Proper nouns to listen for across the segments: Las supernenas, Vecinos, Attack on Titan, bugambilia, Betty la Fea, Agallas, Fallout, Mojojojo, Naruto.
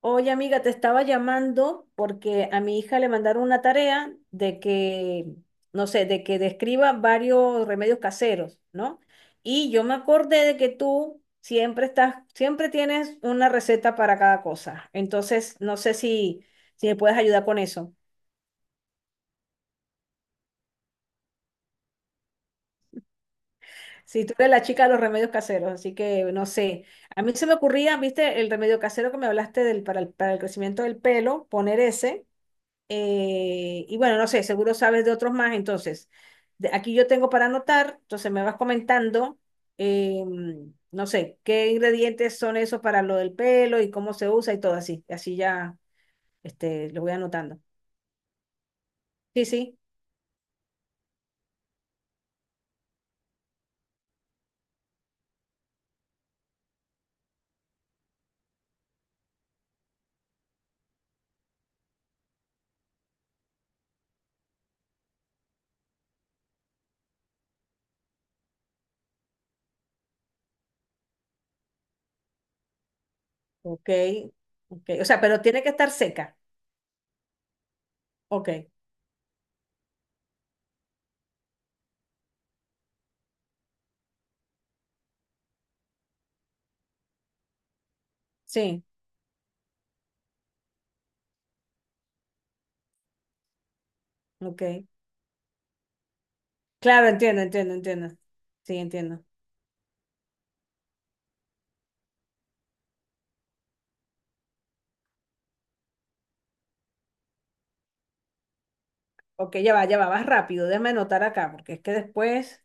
Oye, amiga, te estaba llamando porque a mi hija le mandaron una tarea de que, no sé, de que describa varios remedios caseros, ¿no? Y yo me acordé de que tú siempre estás, siempre tienes una receta para cada cosa. Entonces, no sé si, si me puedes ayudar con eso. Si tú eres la chica de los remedios caseros, así que no sé. A mí se me ocurría, viste, el remedio casero que me hablaste del, para el crecimiento del pelo, poner ese. Y bueno, no sé, seguro sabes de otros más, entonces, aquí yo tengo para anotar, entonces me vas comentando, no sé, qué ingredientes son esos para lo del pelo y cómo se usa y todo así, así ya, lo voy anotando. Sí, sí, ok, ok, o sea, pero tiene que estar seca, ok, sí, ok, claro, entiendo, entiendo, entiendo, sí, entiendo, ok, ya va, vas rápido, déjame anotar acá, porque es que después.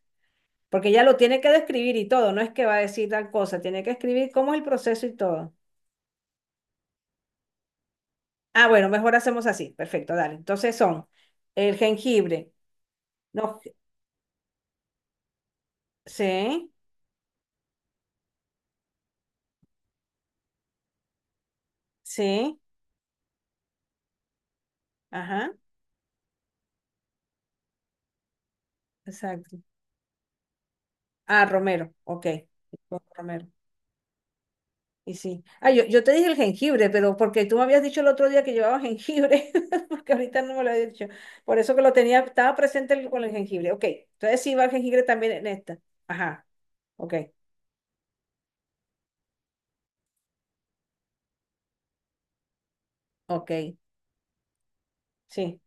Porque ella lo tiene que describir y todo, no es que va a decir tal cosa, tiene que escribir cómo es el proceso y todo. Ah, bueno, mejor hacemos así. Perfecto, dale. Entonces son el jengibre. No, sí, sí, ajá, exacto. Ah, romero, ok. Romero. Y sí. Ah, yo te dije el jengibre, pero porque tú me habías dicho el otro día que llevaba jengibre, porque ahorita no me lo había dicho. Por eso que lo tenía, estaba presente con el jengibre. Ok, entonces sí va el jengibre también en esta. Ajá, ok, ok, sí.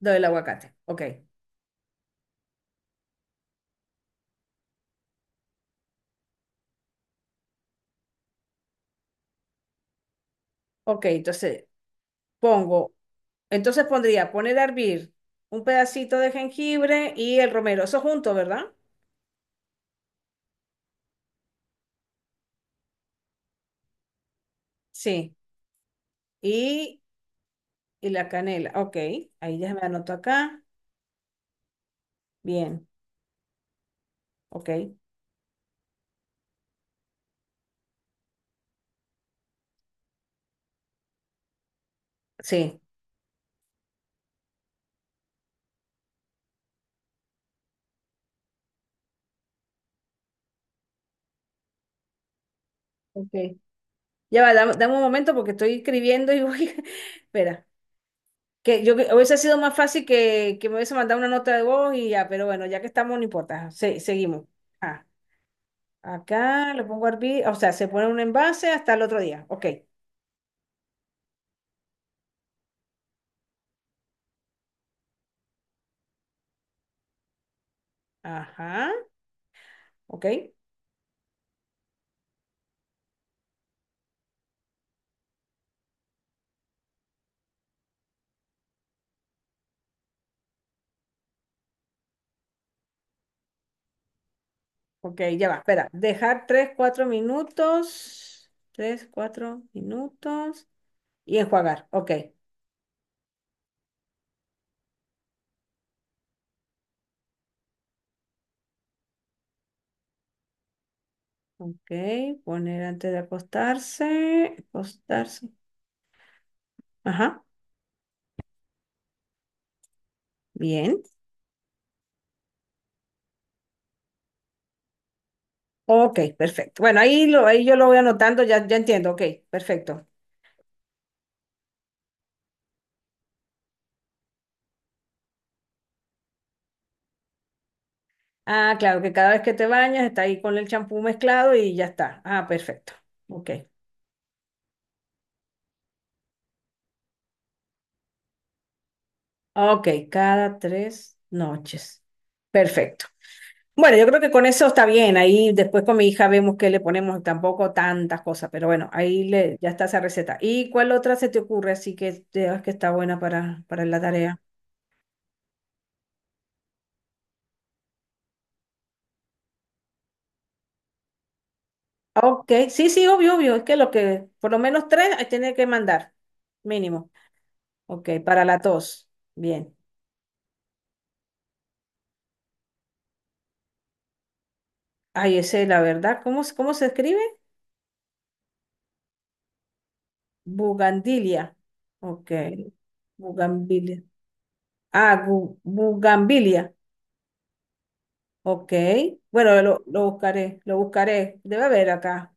Lo del aguacate. Ok. Ok, entonces pongo, entonces pondría poner a hervir un pedacito de jengibre y el romero. Eso junto, ¿verdad? Sí. Y, y la canela. Ok. Ahí ya me anoto acá. Bien. Ok. Sí. Ok. Ya va, dame, dame un momento porque estoy escribiendo y voy. Espera. Que yo hubiese sido más fácil que me hubiese mandado una nota de voz y ya, pero bueno, ya que estamos, no importa. Seguimos. Ah. Acá lo pongo a hervir, o sea, se pone un envase hasta el otro día. Ok. Ajá. Ok. Ok, ya va. Espera. Dejar 3 4 minutos. Tres 4 minutos. Y enjuagar. Ok. Ok. Poner antes de acostarse. Acostarse. Ajá. Bien. Ok, perfecto. Bueno, ahí, lo, ahí yo lo voy anotando, ya, ya entiendo. Ok, perfecto. Ah, claro, que cada vez que te bañas está ahí con el champú mezclado y ya está. Ah, perfecto. Ok. Ok, cada tres noches. Perfecto. Bueno, yo creo que con eso está bien. Ahí después con mi hija vemos qué le ponemos, tampoco tantas cosas, pero bueno, ahí le, ya está esa receta. ¿Y cuál otra se te ocurre así que veas que está buena para la tarea? Ok, sí, sí, obvio, obvio. Es que lo que, por lo menos tres, ahí tiene que mandar, mínimo. Ok, para la tos. Bien. Ay, ese, la verdad, ¿cómo, cómo se escribe? Bugandilia. Ok, bugambilia. Ah, bugambilia. Ok, bueno, lo buscaré, lo buscaré. Debe haber acá.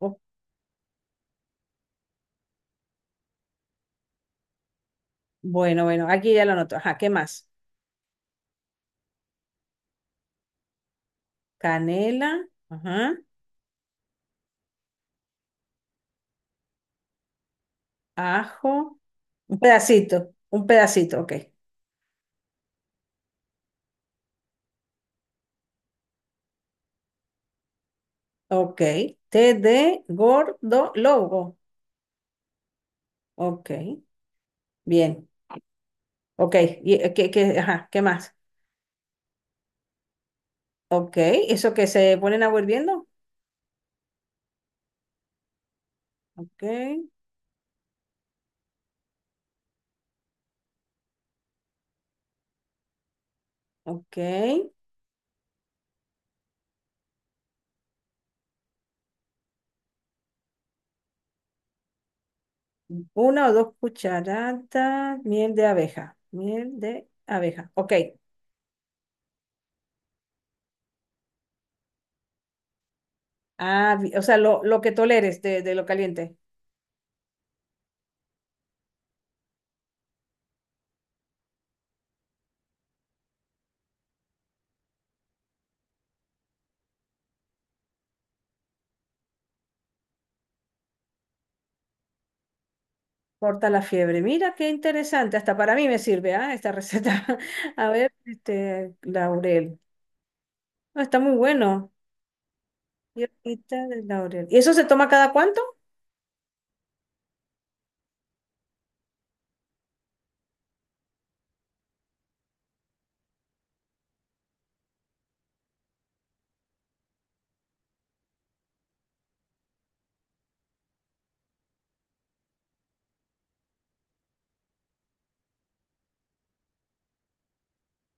O- bueno, bueno, aquí ya lo anoto. Ajá, ¿qué más? Canela, ajá, ajo, un pedacito, ok. Ok, té de gordo lobo. Ok, bien. Ok, y, ¿qué, ajá, ¿qué más? Ok, eso que se ponen a hirviendo. Ok, ok. Una o dos cucharadas, miel de abeja, miel de abeja. Ok, ah, o sea, lo que toleres de lo caliente. Corta la fiebre. Mira qué interesante. Hasta para mí me sirve, ah, esta receta. A ver, este, laurel. Ah, está muy bueno. Hierbita de laurel. ¿Y eso se toma cada cuánto?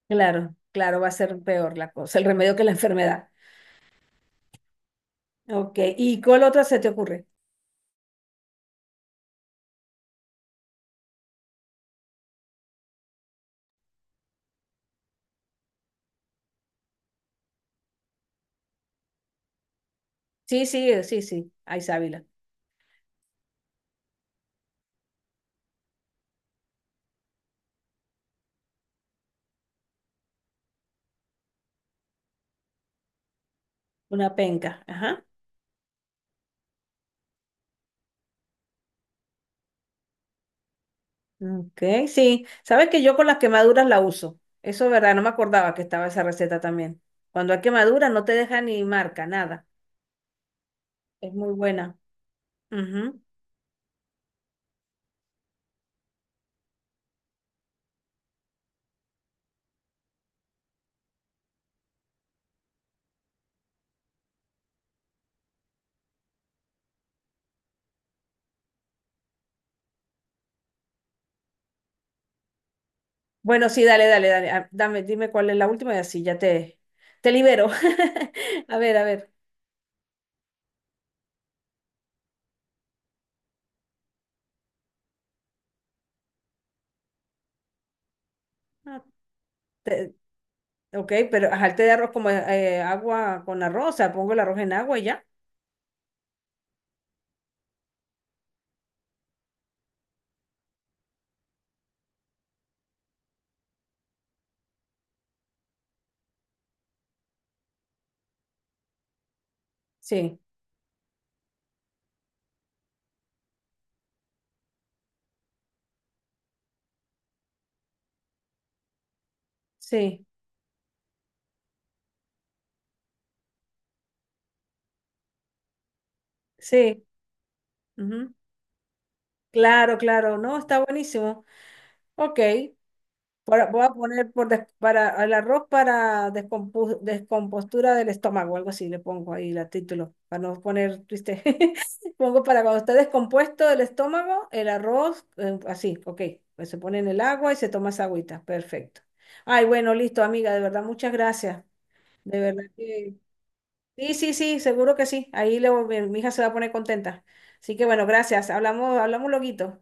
Claro, claro, va a ser peor la cosa, el remedio que la enfermedad. Ok. ¿Y cuál otra se te ocurre? Sí, sí, sí, sí. Hay sábila. Una penca. Ajá. Ok, sí. Sabes que yo con las quemaduras la uso. Eso es verdad, no me acordaba que estaba esa receta también. Cuando hay quemadura no te deja ni marca, nada. Es muy buena. Ujú. Bueno, sí, dale, dale, dale. Ah, dame, dime cuál es la última y así ya te libero. A ver, a ver. Ah, te- ok, pero ajá, el té de arroz como agua con arroz, o sea, pongo el arroz en agua y ya. Sí, sí, sí. Ujú. Claro, claro. No, está buenísimo. Ok, voy a poner por para el arroz para descompostura del estómago, algo así le pongo ahí el título, para no poner triste. Pongo para cuando está descompuesto el estómago, el arroz, así, ok. Pues se pone en el agua y se toma esa agüita, perfecto. Ay, bueno, listo, amiga, de verdad, muchas gracias. De verdad que. Sí, sí, sí, seguro que sí. Ahí luego mi mi hija se va a poner contenta. Así que bueno, gracias. Hablamos, hablamos loguito.